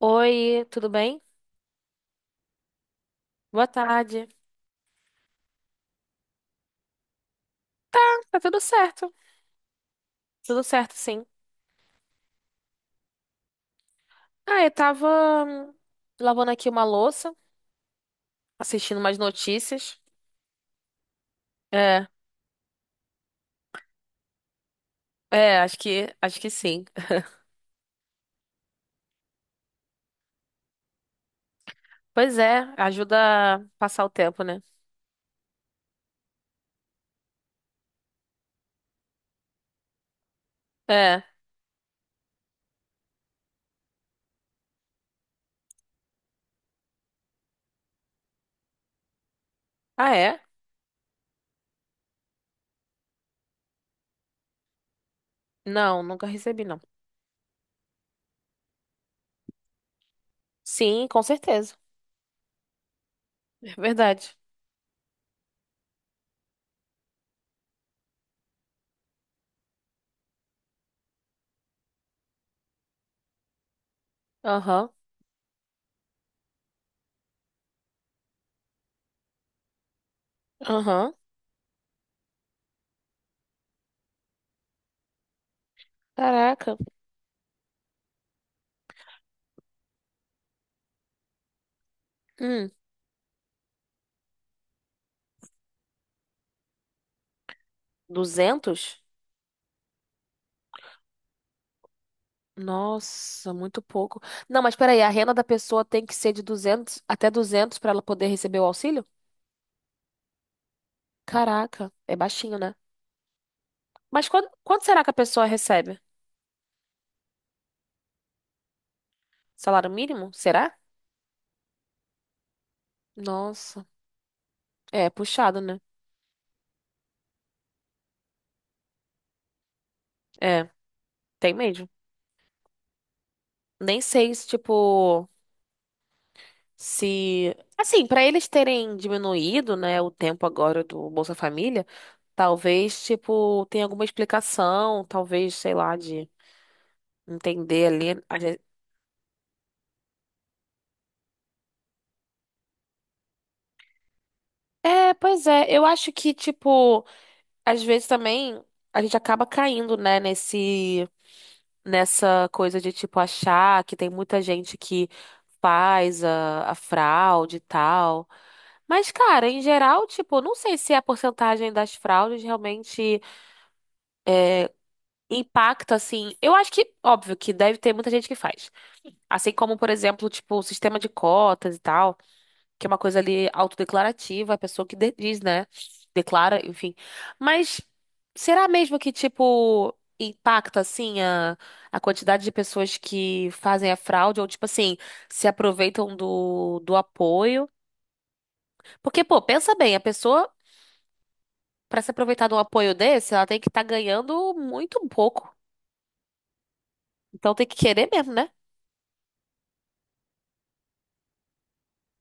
Oi, tudo bem? Boa tarde. Tá tudo certo. Tudo certo, sim. Ah, eu tava hum, lavando aqui uma louça, assistindo umas notícias. É, é, acho que sim. Pois é, ajuda a passar o tempo, né? É. Ah, é? Não, nunca recebi, não. Sim, com certeza. É verdade. Aham, aham. Caraca. Hum, 200. Nossa, muito pouco. Não, mas peraí, a renda da pessoa tem que ser de 200 até 200 para ela poder receber o auxílio? Caraca, é baixinho, né? Mas quanto será que a pessoa recebe? Salário mínimo? Será? Nossa, é puxado, né? É, tem mesmo. Nem sei se, tipo, se. Assim, para eles terem diminuído, né, o tempo agora do Bolsa Família, talvez, tipo, tenha alguma explicação, talvez, sei lá, de entender ali. É, pois é. Eu acho que, tipo, às vezes também a gente acaba caindo, né, nessa coisa de, tipo, achar que tem muita gente que faz a fraude e tal. Mas, cara, em geral, tipo, não sei se é a porcentagem das fraudes realmente impacta, assim. Eu acho que, óbvio, que deve ter muita gente que faz. Assim como, por exemplo, tipo, o sistema de cotas e tal, que é uma coisa ali autodeclarativa, a pessoa que diz, né? Declara, enfim. Mas será mesmo que, tipo, impacta, assim, a quantidade de pessoas que fazem a fraude ou, tipo assim, se aproveitam do apoio? Porque, pô, pensa bem, a pessoa, pra se aproveitar de um apoio desse, ela tem que estar ganhando muito pouco. Então tem que querer mesmo, né?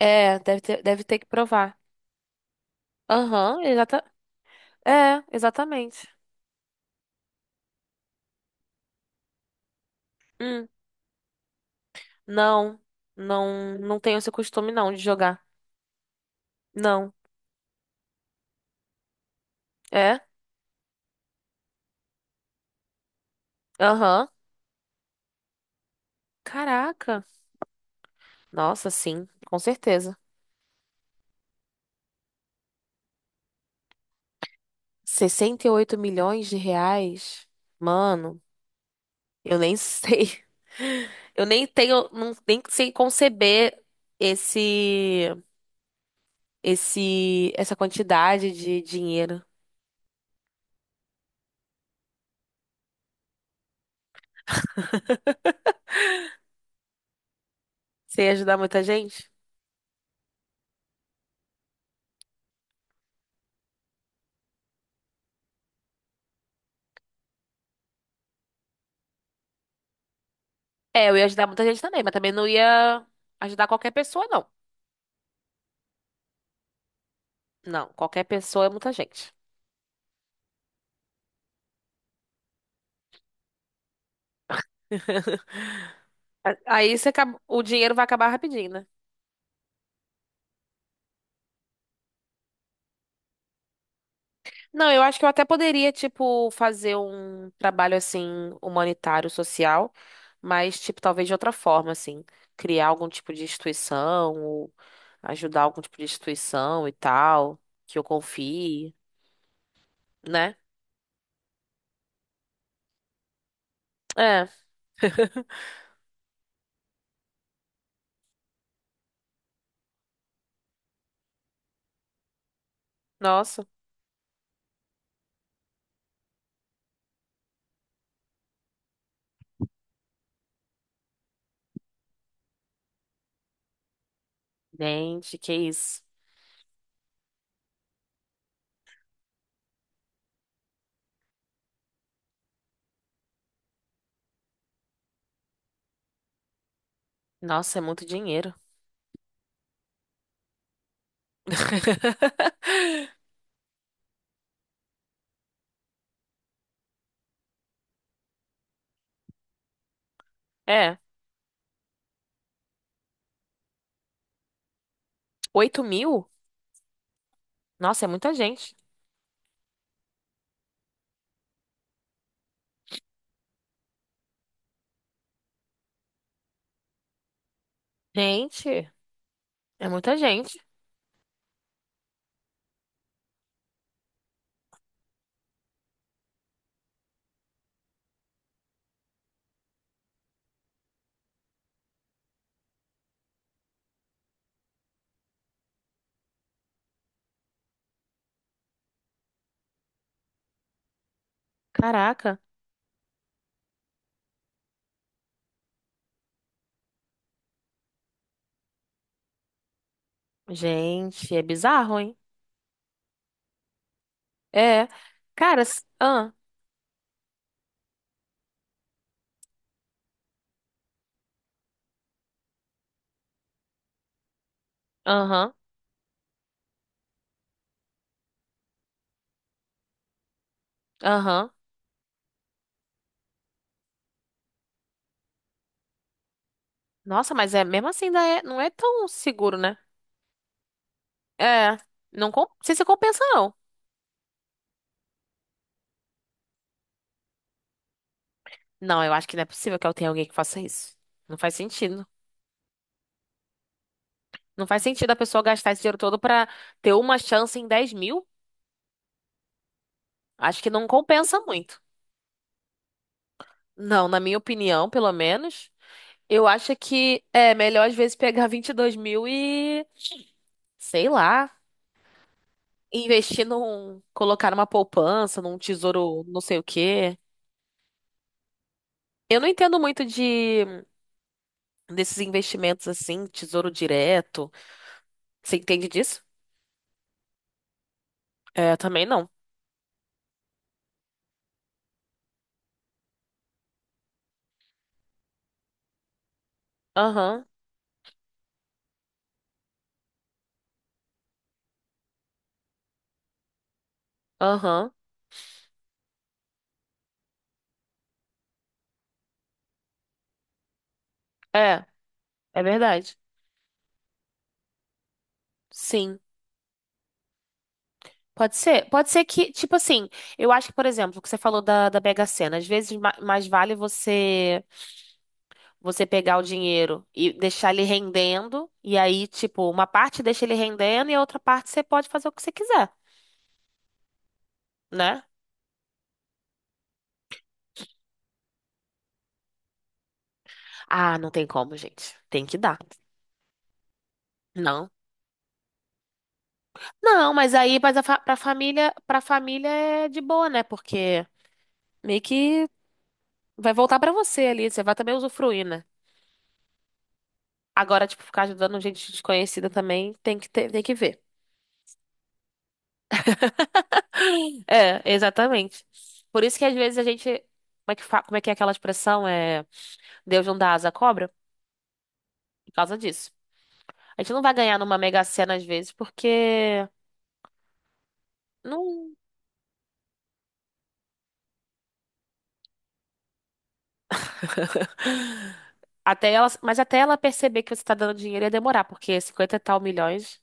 É, deve ter que provar. Aham, exata... É, exatamente. Hum. Não, não, não tenho esse costume não de jogar. Não. É? Aham. Caraca. Nossa, sim, com certeza. 68 milhões de reais? Mano, eu nem sei. Eu nem tenho, não, nem sei conceber esse, essa quantidade de dinheiro. Você ia ajudar muita gente? É, eu ia ajudar muita gente também, mas também não ia ajudar qualquer pessoa, não. Não, qualquer pessoa é muita gente. Aí você o dinheiro vai acabar rapidinho, né? Não, eu acho que eu até poderia, tipo, fazer um trabalho assim, humanitário, social, mas, tipo, talvez de outra forma, assim, criar algum tipo de instituição, ou ajudar algum tipo de instituição e tal, que eu confie, né? É, nossa, gente, que isso? Nossa, é muito dinheiro. É, 8 mil? Nossa, é muita gente. Gente, é muita gente. Caraca. Gente, é bizarro, hein? É. Cara, ah, aham, aham. Nossa, mas é mesmo assim, ainda é, não é tão seguro, né? É. Não, não sei se compensa, não. Não, eu acho que não é possível que eu tenha alguém que faça isso. Não faz sentido. Não faz sentido a pessoa gastar esse dinheiro todo pra ter uma chance em 10 mil. Acho que não compensa muito. Não, na minha opinião, pelo menos. Eu acho que é melhor às vezes pegar 22 mil e. Sei lá. Investir num, colocar numa poupança, num tesouro, não sei o quê. Eu não entendo muito de desses investimentos assim, tesouro direto. Você entende disso? É, também não. Aham, aham. É, é verdade. Sim. Pode ser que, tipo assim, eu acho que, por exemplo, o que você falou da Mega Sena, às vezes mais vale você pegar o dinheiro e deixar ele rendendo, e aí, tipo, uma parte deixa ele rendendo e a outra parte você pode fazer o que você quiser, né? Ah, não tem como, gente. Tem que dar. Não. Não, mas aí mas pra família é de boa, né? Porque meio que vai voltar pra você ali, você vai também usufruir, né? Agora, tipo, ficar ajudando gente desconhecida também tem que ter, tem que ver. É, exatamente. Por isso que às vezes a gente, como é que é aquela expressão? É Deus não dá asa à cobra? Por causa disso. A gente não vai ganhar numa Mega Sena às vezes porque não. Até ela, mas até ela perceber que você tá dando dinheiro ia demorar, porque 50 e tal milhões,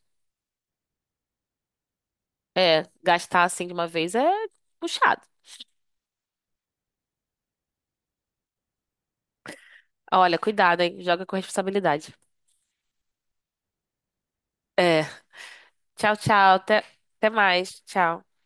é, gastar assim de uma vez é puxado. Olha, cuidado, hein? Joga com responsabilidade. É. Tchau, tchau. Até mais. Tchau.